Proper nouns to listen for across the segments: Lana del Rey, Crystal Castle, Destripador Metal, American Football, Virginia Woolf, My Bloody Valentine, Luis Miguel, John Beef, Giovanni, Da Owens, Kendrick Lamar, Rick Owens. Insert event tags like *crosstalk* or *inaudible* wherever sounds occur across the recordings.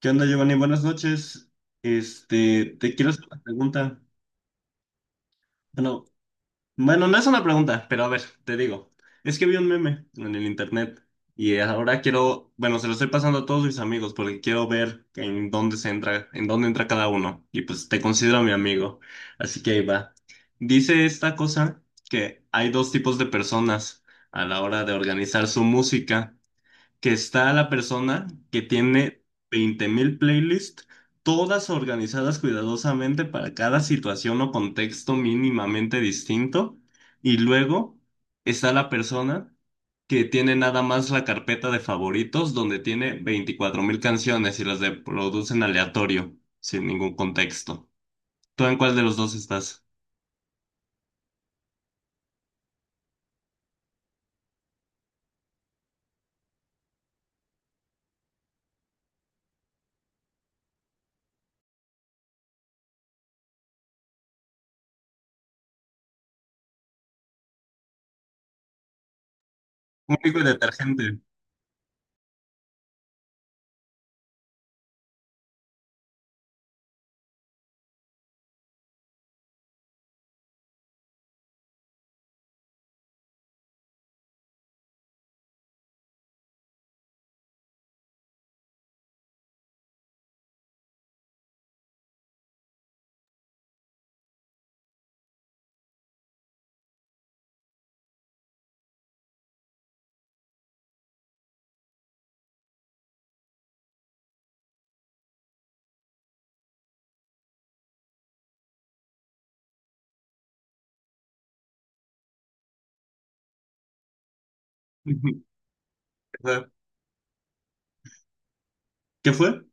¿Qué onda, Giovanni? Buenas noches. Este, te quiero hacer una pregunta. Bueno, bueno, no es una pregunta, pero a ver, te digo. Es que vi un meme en el internet y ahora quiero, bueno, se lo estoy pasando a todos mis amigos porque quiero ver en dónde se entra, en dónde entra cada uno. Y pues te considero mi amigo. Así que ahí va. Dice esta cosa que hay dos tipos de personas a la hora de organizar su música, que está la persona que tiene 20.000 playlists, todas organizadas cuidadosamente para cada situación o contexto mínimamente distinto. Y luego está la persona que tiene nada más la carpeta de favoritos donde tiene 24.000 canciones y las reproducen aleatorio, sin ningún contexto. ¿Tú en cuál de los dos estás? Único y detergente. *laughs* ¿Qué fue?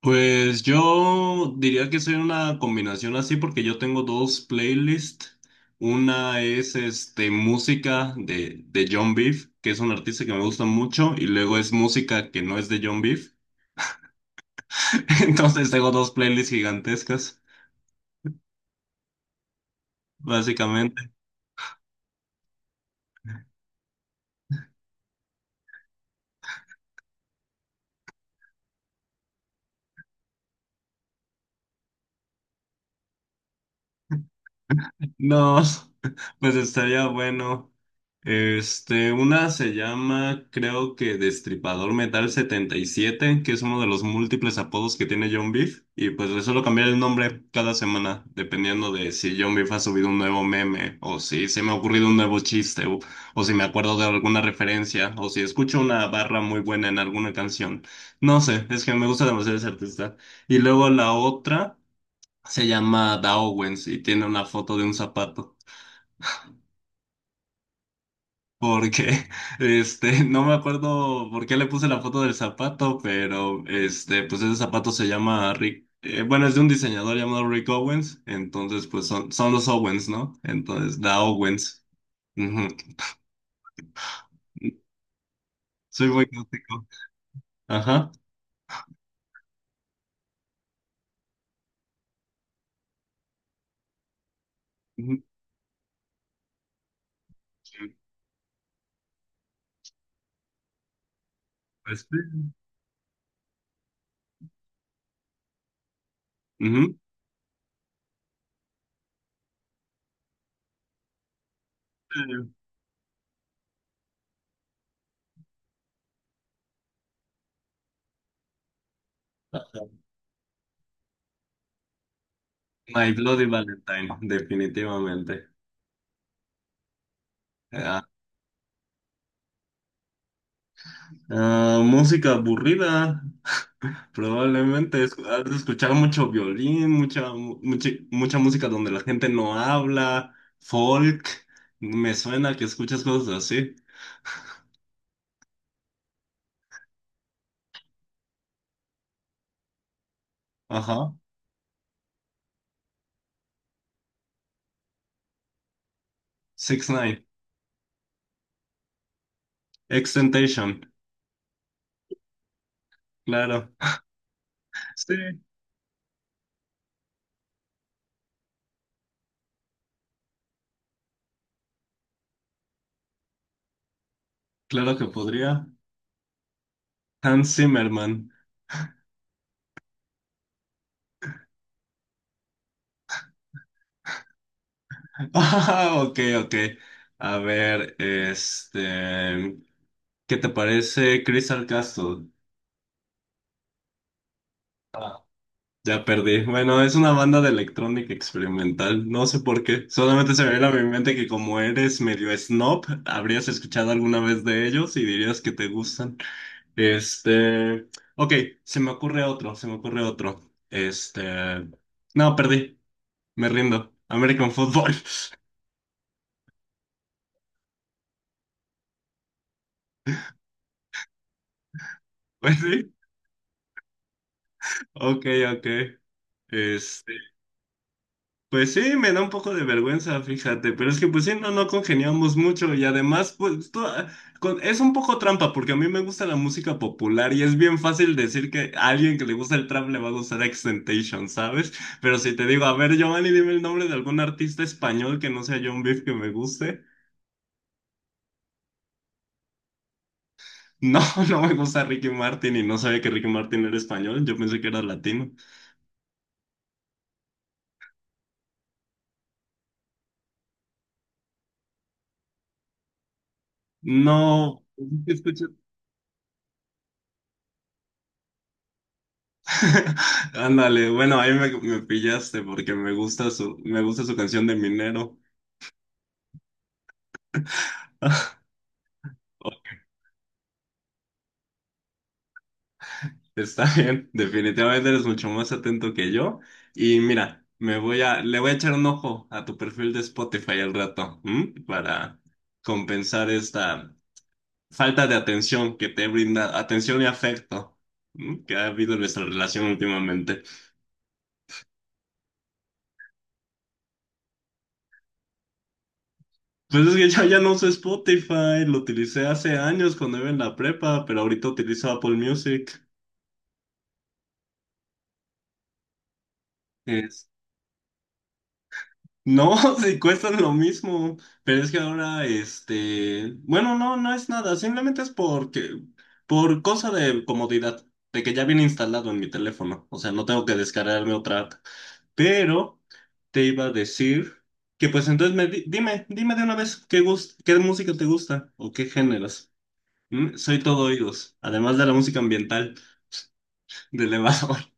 Pues yo diría que soy una combinación así porque yo tengo dos playlists. Una es este, música de John Beef, que es un artista que me gusta mucho, y luego es música que no es de John Beef. *laughs* Entonces tengo dos playlists gigantescas. No, *laughs* pues estaría bueno. Este, una se llama, creo que Destripador Metal 77, que es uno de los múltiples apodos que tiene John Beef. Y pues le suelo cambiar el nombre cada semana, dependiendo de si John Beef ha subido un nuevo meme, o si se me ha ocurrido un nuevo chiste, o si me acuerdo de alguna referencia, o si escucho una barra muy buena en alguna canción. No sé, es que me gusta demasiado ese artista. Y luego la otra se llama Da y tiene una foto de un zapato. Porque, *laughs* este, no me acuerdo por qué le puse la foto del zapato, pero, este, pues ese zapato se llama Rick, bueno, es de un diseñador llamado Rick Owens, entonces, pues son los Owens, ¿no? Entonces, Da Owens. Ujú. Soy muy gótico. Ajá. Ujú. Pues sí. Ujú. My Bloody Valentine, definitivamente. Ah, ah, música aburrida. Probablemente has de escuchar mucho violín, mucha música donde la gente no habla, folk. Me suena que escuchas cosas así. Ajá. Six Nine. Extentation. Claro. Sí, claro que podría. Hans Zimmerman. *laughs* Ah, ok, ok. A ver, este. ¿Qué te parece Crystal Castle? Ya perdí. Bueno, es una banda de electrónica experimental. No sé por qué. Solamente se me viene a mi mente que como eres medio snob, habrías escuchado alguna vez de ellos y dirías que te gustan. Este, ok, se me ocurre otro. Este, no, perdí. Me rindo. American Football. *laughs* Pues sí. Ok, ok. Este, pues sí, me da un poco de vergüenza, fíjate, pero es que pues sí, no, no congeniamos mucho y además pues tú- con- es un poco trampa porque a mí me gusta la música popular y es bien fácil decir que a alguien que le gusta el trap le va a gustar Extentation, ¿sabes? Pero si te digo, a ver, Giovanni, dime el nombre de algún artista español que no sea John Beef que me guste. No, *laughs* no me gusta Ricky Martin y no sabía que Ricky Martin era español, yo pensé que era latino. No, *laughs* ándale, bueno, ahí me pillaste porque me gusta su canción de Minero. *laughs* Está bien, definitivamente eres mucho más atento que yo. Y mira, le voy a echar un ojo a tu perfil de Spotify al rato, ¿m? Para compensar esta falta de atención que te brinda, atención y afecto, ¿m? Que ha habido en nuestra relación últimamente. Pues es que yo ya no uso Spotify, lo utilicé hace años cuando iba en la prepa, pero ahorita utilizo Apple Music. Es- no, *laughs* si cuestan lo mismo, pero es que ahora, este, bueno, no, no es nada, simplemente es porque, por cosa de comodidad, de que ya viene instalado en mi teléfono, o sea, no tengo que descargarme otra app. Pero te iba a decir que, pues entonces, dime de una vez qué música te gusta o qué géneros. ¿Mm? Soy todo oídos, además de la música ambiental de elevador.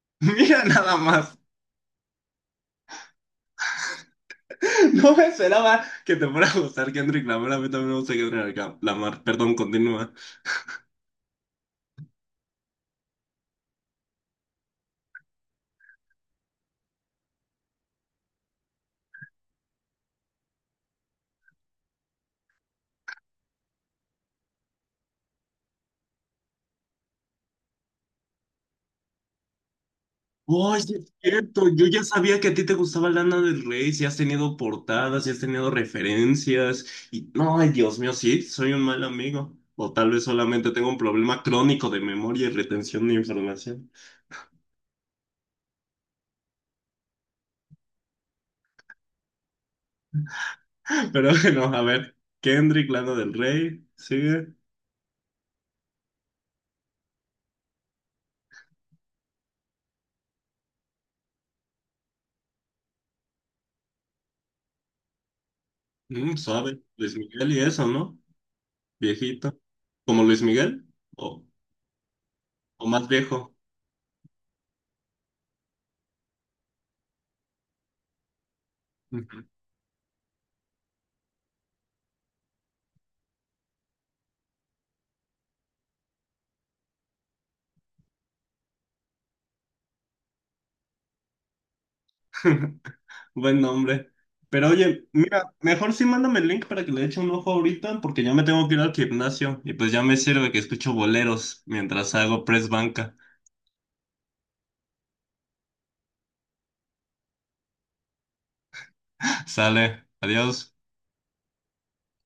*laughs* Mira nada más. *laughs* No me esperaba que te fuera a gustar Kendrick Lamar. A mí también me gusta Kendrick Lamar. Perdón, continúa. Oye, es cierto. Yo ya sabía que a ti te gustaba Lana del Rey. Si has tenido portadas, si has tenido referencias. Y no, ay, Dios mío, sí, soy un mal amigo. O tal vez solamente tengo un problema crónico de memoria y retención de información. *laughs* Pero bueno, a ver. Kendrick, Lana del Rey. Sigue. Mm, suave. Luis Miguel y eso, ¿no? Viejito. ¿Como Luis Miguel? ¿O, o más viejo? Ujú. *laughs* Buen nombre. Pero oye, mira, mejor sí mándame el link para que le eche un ojo ahorita, porque ya me tengo que ir al gimnasio y pues ya me sirve que escucho boleros mientras hago press banca. *laughs* Sale, adiós.